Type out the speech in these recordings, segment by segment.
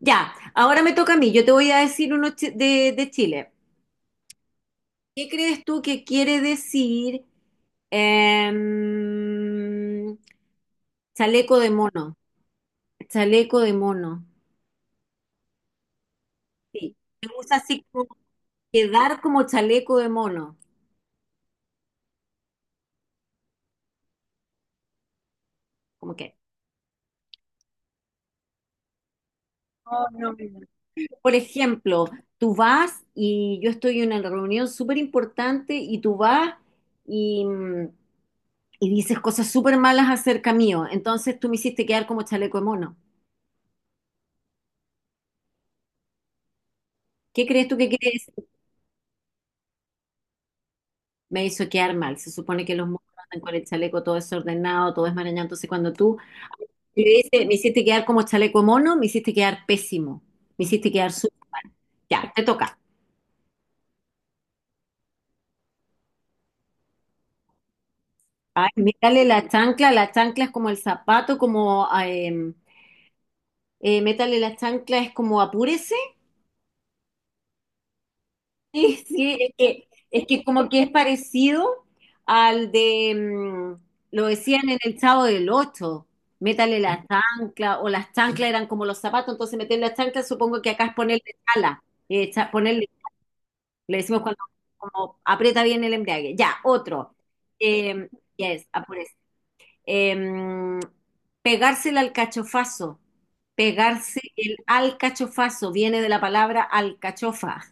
Ya, ahora me toca a mí. Yo te voy a decir uno de Chile. ¿Qué crees tú que quiere decir em, chaleco de mono? Chaleco de mono. Sí. Se usa así como quedar como chaleco de mono. ¿Cómo que? Por ejemplo, tú vas y yo estoy en una reunión súper importante y tú vas y, mm, y dices cosas súper malas acerca mío. Entonces tú me hiciste quedar como chaleco de mono. ¿Qué crees tú que quiere decir? Me hizo quedar mal. Se supone que los monos andan con el chaleco todo desordenado, todo desmarañado. Entonces cuando tú le dices, me hiciste quedar como chaleco de mono, me hiciste quedar pésimo. Me hiciste quedar súper mal. Ya, te toca. Ay, mírale la chancla. La chancla es como el zapato. Métale la chancla es como apúrese. Sí, sí, es que como que es parecido al de, lo decían en el Chavo del Ocho, métale la chancla, o las chanclas eran como los zapatos, entonces meter la chancla supongo que acá es ponerle chala, ponerle, le decimos cuando como aprieta bien el embrague. Ya, otro. Eh, yes, em, pegarse el alcachofazo, pegarse el alcachofazo, viene de la palabra alcachofa.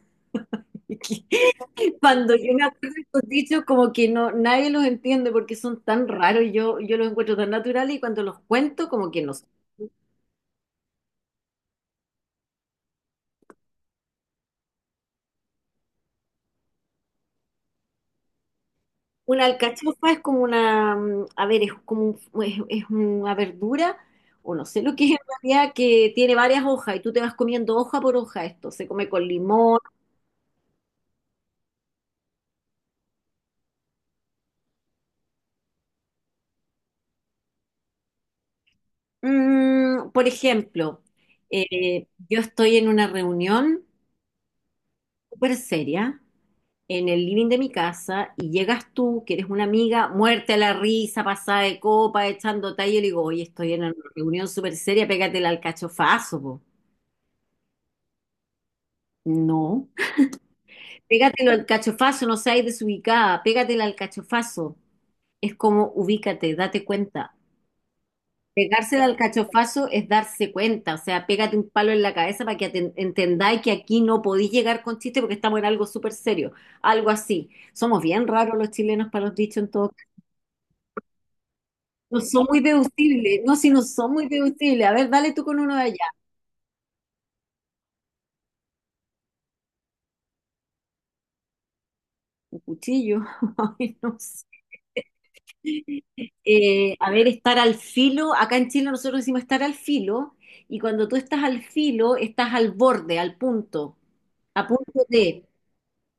Cuando yo me acuerdo de estos dichos, como que no, nadie los entiende porque son tan raros, y yo los encuentro tan naturales y cuando los cuento, como que no sé. Una alcachofa es como una, a ver, es como es una verdura, o no sé lo que es en realidad, que tiene varias hojas y tú te vas comiendo hoja por hoja esto. Se come con limón. Por ejemplo, yo estoy en una reunión súper seria en el living de mi casa y llegas tú, que eres una amiga, muerte a la risa, pasada de copa, echando talla, y le digo, oye, estoy en una reunión súper seria, pégatela al cachofazo, po". No, pégatelo al cachofazo, no seas desubicada, pégatela al cachofazo. Es como ubícate, date cuenta. Pegarse el alcachofazo es darse cuenta, o sea, pégate un palo en la cabeza para que entendáis que aquí no podéis llegar con chiste porque estamos en algo súper serio, algo así. Somos bien raros los chilenos para los dichos en todo caso. No son muy deducibles, no, si no son muy deducibles. A ver, dale tú con uno de allá. Un cuchillo, Ay, no sé. A ver, estar al filo, acá en Chile nosotros decimos estar al filo, y cuando tú estás al filo, estás al borde, al punto, a punto de.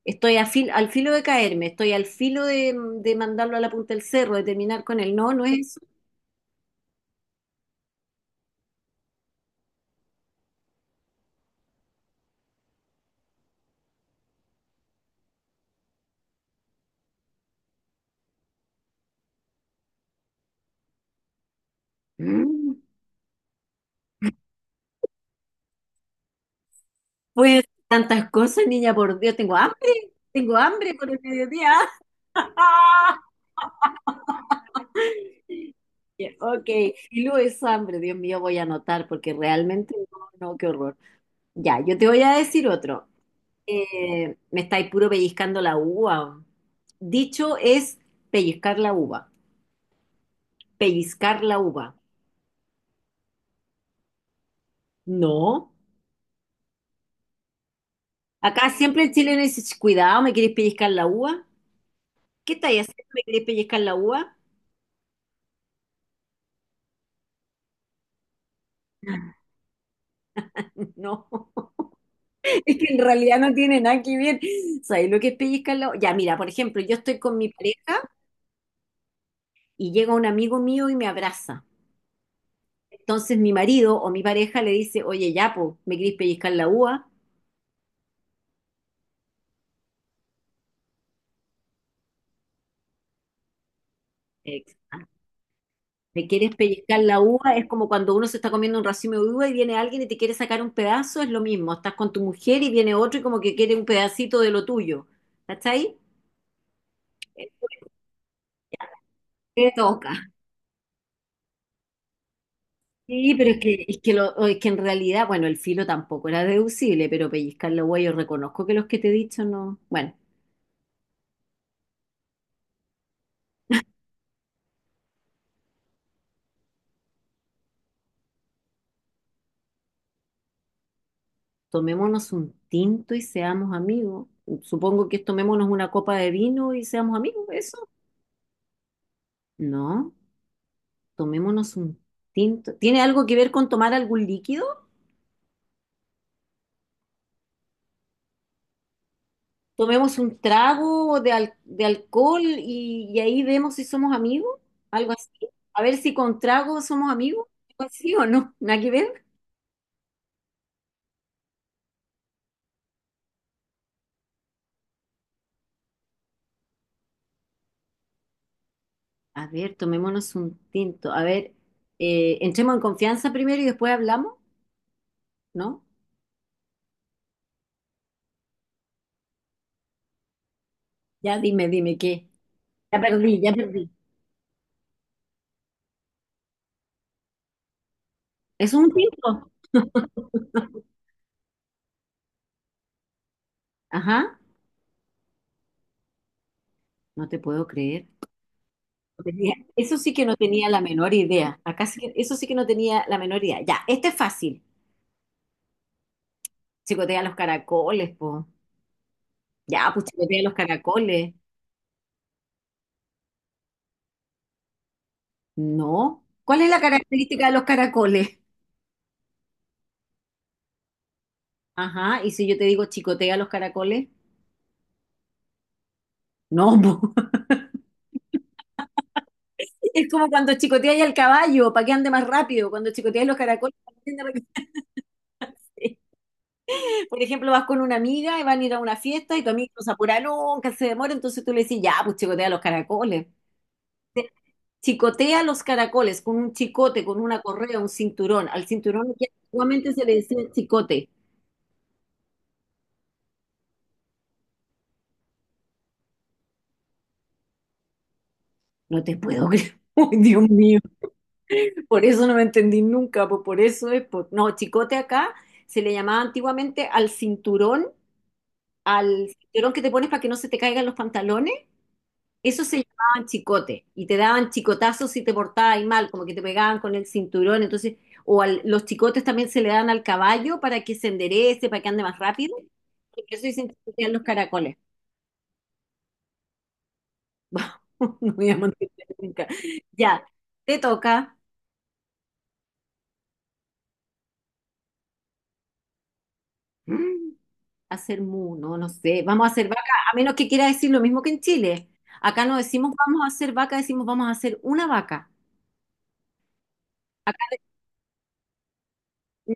Estoy al filo de caerme, estoy al filo de mandarlo a la punta del cerro, de terminar con él. No, no es eso. Mm. Pues tantas cosas, niña, por Dios, tengo hambre por el mediodía. Ok, y luego es hambre, Dios mío, voy a anotar porque realmente no, no, qué horror. Ya, yo te voy a decir otro. Me estáis puro pellizcando la uva. Dicho es pellizcar la uva, pellizcar la uva. No. Acá siempre el chileno dice, "Ch, cuidado, ¿me quieres pellizcar la uva? ¿Qué estáis haciendo? ¿Me quieres pellizcar la uva? No, es que en realidad no tiene nada que ver. ¿Sabes lo que es pellizcar la uva? Ya, mira, por ejemplo, yo estoy con mi pareja y llega un amigo mío y me abraza. Entonces mi marido o mi pareja le dice, oye, ya, po, ¿me quieres pellizcar la uva? Ex- ah, ¿Me quieres pellizcar la uva? Es como cuando uno se está comiendo un racimo de uva y viene alguien y te quiere sacar un pedazo, es lo mismo. Estás con tu mujer y viene otro y como que quiere un pedacito de lo tuyo. ¿Cachai? Te toca. Sí, pero es que, o es que en realidad, bueno, el filo tampoco era deducible, pero pellizcar la huella, yo reconozco que los que te he dicho no. Bueno, tomémonos un tinto y seamos amigos. Supongo que es tomémonos una copa de vino y seamos amigos, ¿eso? No, tomémonos un tinto. ¿Tiene algo que ver con tomar algún líquido? Tomemos un trago de alcohol y ahí vemos si somos amigos, algo así. A ver si con trago somos amigos, algo así o no, nada que ver. A ver, tomémonos un tinto. A ver, entremos en confianza primero y después hablamos, ¿no? Ya dime, dime qué. Ya perdí, ya perdí. ¿Es un tinto? Ajá, no te puedo creer. No tenía- Eso sí que no tenía la menor idea. Eso sí que no tenía la menor idea. Ya, este es fácil. Chicotea los caracoles, po. Ya, pues chicotea los caracoles. No. ¿Cuál es la característica de los caracoles? Ajá, y si yo te digo chicotea los caracoles, no, po. Es como cuando chicoteáis al caballo para que ande más rápido, cuando chicoteáis los caracoles, para que ande más rápido. Por ejemplo, vas con una amiga y van a ir a una fiesta y tu amiga no se apura nunca, se demora, entonces tú le decís, ya, pues chicotea los caracoles. Chicotea los caracoles con un chicote, con una correa, un cinturón. Al cinturón que antiguamente se le decía chicote. No te puedo creer. Uy, Dios mío, por eso no me entendí nunca, pues por eso es, no, chicote acá se le llamaba antiguamente al cinturón que te pones para que no se te caigan los pantalones. Eso se llamaban chicote y te daban chicotazos si te portabas mal, como que te pegaban con el cinturón. Entonces, o los chicotes también se le dan al caballo para que se enderece, para que ande más rápido. Por eso dicen chicotear los caracoles. No voy a mantener nunca. Ya, te toca, mm, hacer mu, no, no sé. Vamos a hacer vaca, a menos que quiera decir lo mismo que en Chile. Acá no decimos vamos a hacer vaca, decimos vamos a hacer una vaca.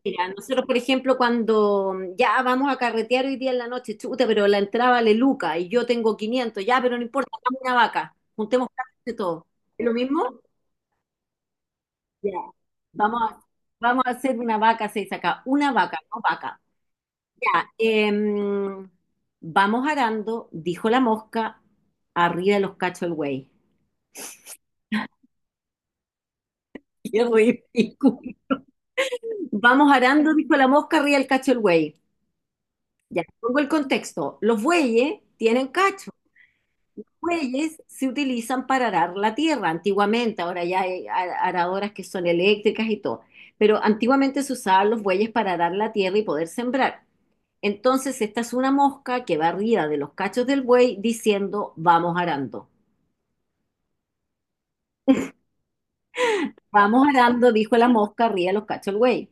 Mira, nosotros, por ejemplo, cuando ya vamos a carretear hoy día en la noche, chuta, pero la entrada vale Luca y yo tengo 500, ya, pero no importa, hagamos una vaca, juntemos plata de todo. ¿Es lo mismo? Ya. Vamos a, vamos a hacer una vaca, seis acá, una vaca, no vaca. Ya, vamos arando, dijo la mosca, arriba de los cachos el güey. Qué ridículo. Vamos arando, dijo la mosca, arriba del cacho el buey. Ya, pongo el contexto. Los bueyes tienen cacho. Bueyes se utilizan para arar la tierra antiguamente, ahora ya hay aradoras que son eléctricas y todo, pero antiguamente se usaban los bueyes para arar la tierra y poder sembrar. Entonces, esta es una mosca que va arriba de los cachos del buey diciendo, vamos arando. Vamos arando, dijo la mosca arriba de los cachos del buey.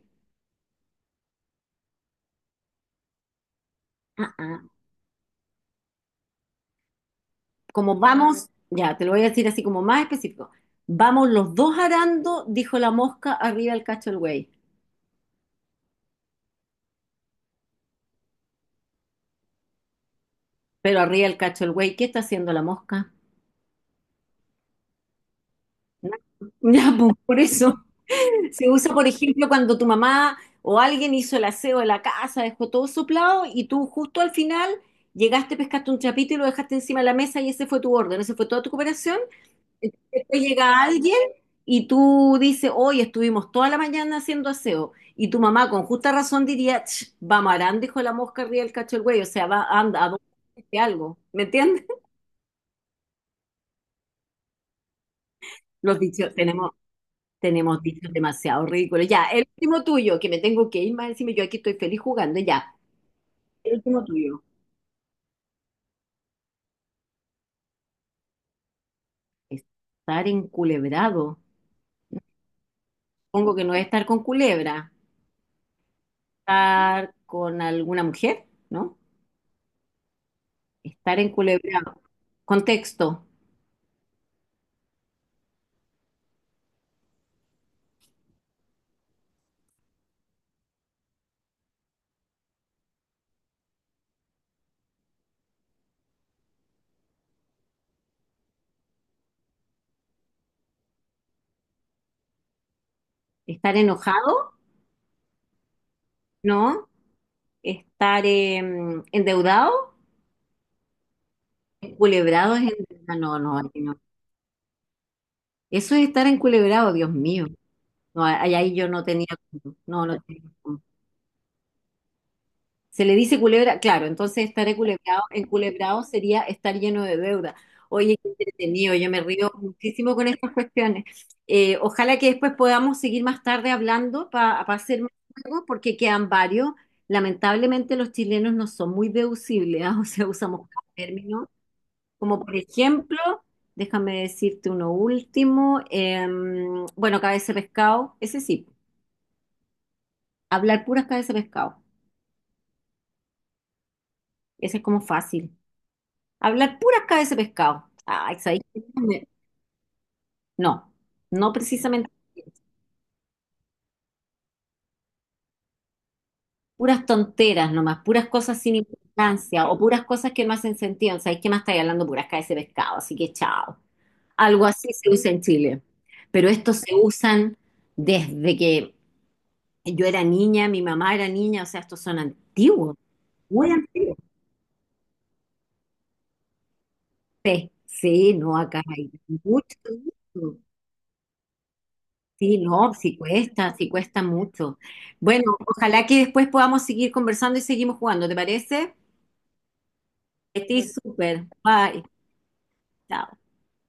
Ah, ah. Como vamos, ya te lo voy a decir así como más específico. Vamos los dos arando, dijo la mosca arriba del cacho del buey. Pero arriba del cacho del buey, ¿qué está haciendo la mosca? Ya, pues, por eso se usa, por ejemplo, cuando tu mamá o alguien hizo el aseo de la casa, dejó todo soplado y tú justo al final llegaste, pescaste un chapito y lo dejaste encima de la mesa y ese fue tu orden, esa fue toda tu cooperación. Entonces, después llega alguien y tú dices, hoy estuvimos toda la mañana haciendo aseo. Y tu mamá con justa razón diría, "Ch, va marando, hijo de la mosca, arriba del cacho del güey, o sea, va, anda, a dónde algo. ¿Me entiendes? Los dichos, tenemos, Tenemos dichos demasiado ridículos. Ya, el último tuyo, que me tengo que ir más encima, yo aquí estoy feliz jugando. Ya, el último tuyo. Estar enculebrado. Supongo que no es estar con culebra. Estar con alguna mujer, ¿no? Estar enculebrado. Contexto. Estar enojado, ¿no? Estar endeudado. Enculebrado es endeudado. No, no, ahí no. Eso es estar enculebrado, Dios mío. No, ahí yo no tenía. No, no tenía. Se le dice culebra, claro, entonces estar enculebrado, enculebrado sería estar lleno de deuda. Oye, qué entretenido, yo me río muchísimo con estas cuestiones. Ojalá que después podamos seguir más tarde hablando para hacer más juegos, porque quedan varios. Lamentablemente los chilenos no son muy deducibles, ¿ah? O sea, usamos términos como por ejemplo, déjame decirte uno último, bueno, cabeza de pescado, ese sí, hablar puras cabeza de pescado, ese es como fácil. Hablar puras cabezas de pescado. Ay, ¿sabéis qué? No, no precisamente puras tonteras nomás, puras cosas sin importancia o puras cosas que no hacen sentido. ¿Sabéis qué más estáis hablando? Puras cabezas de pescado, así que chao. Algo así se usa en Chile. Pero estos se usan desde que yo era niña, mi mamá era niña, o sea, estos son antiguos, muy antiguos. Sí, sí, no, acá hay mucho. Sí, no, sí cuesta mucho. Bueno, ojalá que después podamos seguir conversando y seguimos jugando, ¿te parece? Estoy súper. Bye. Chao.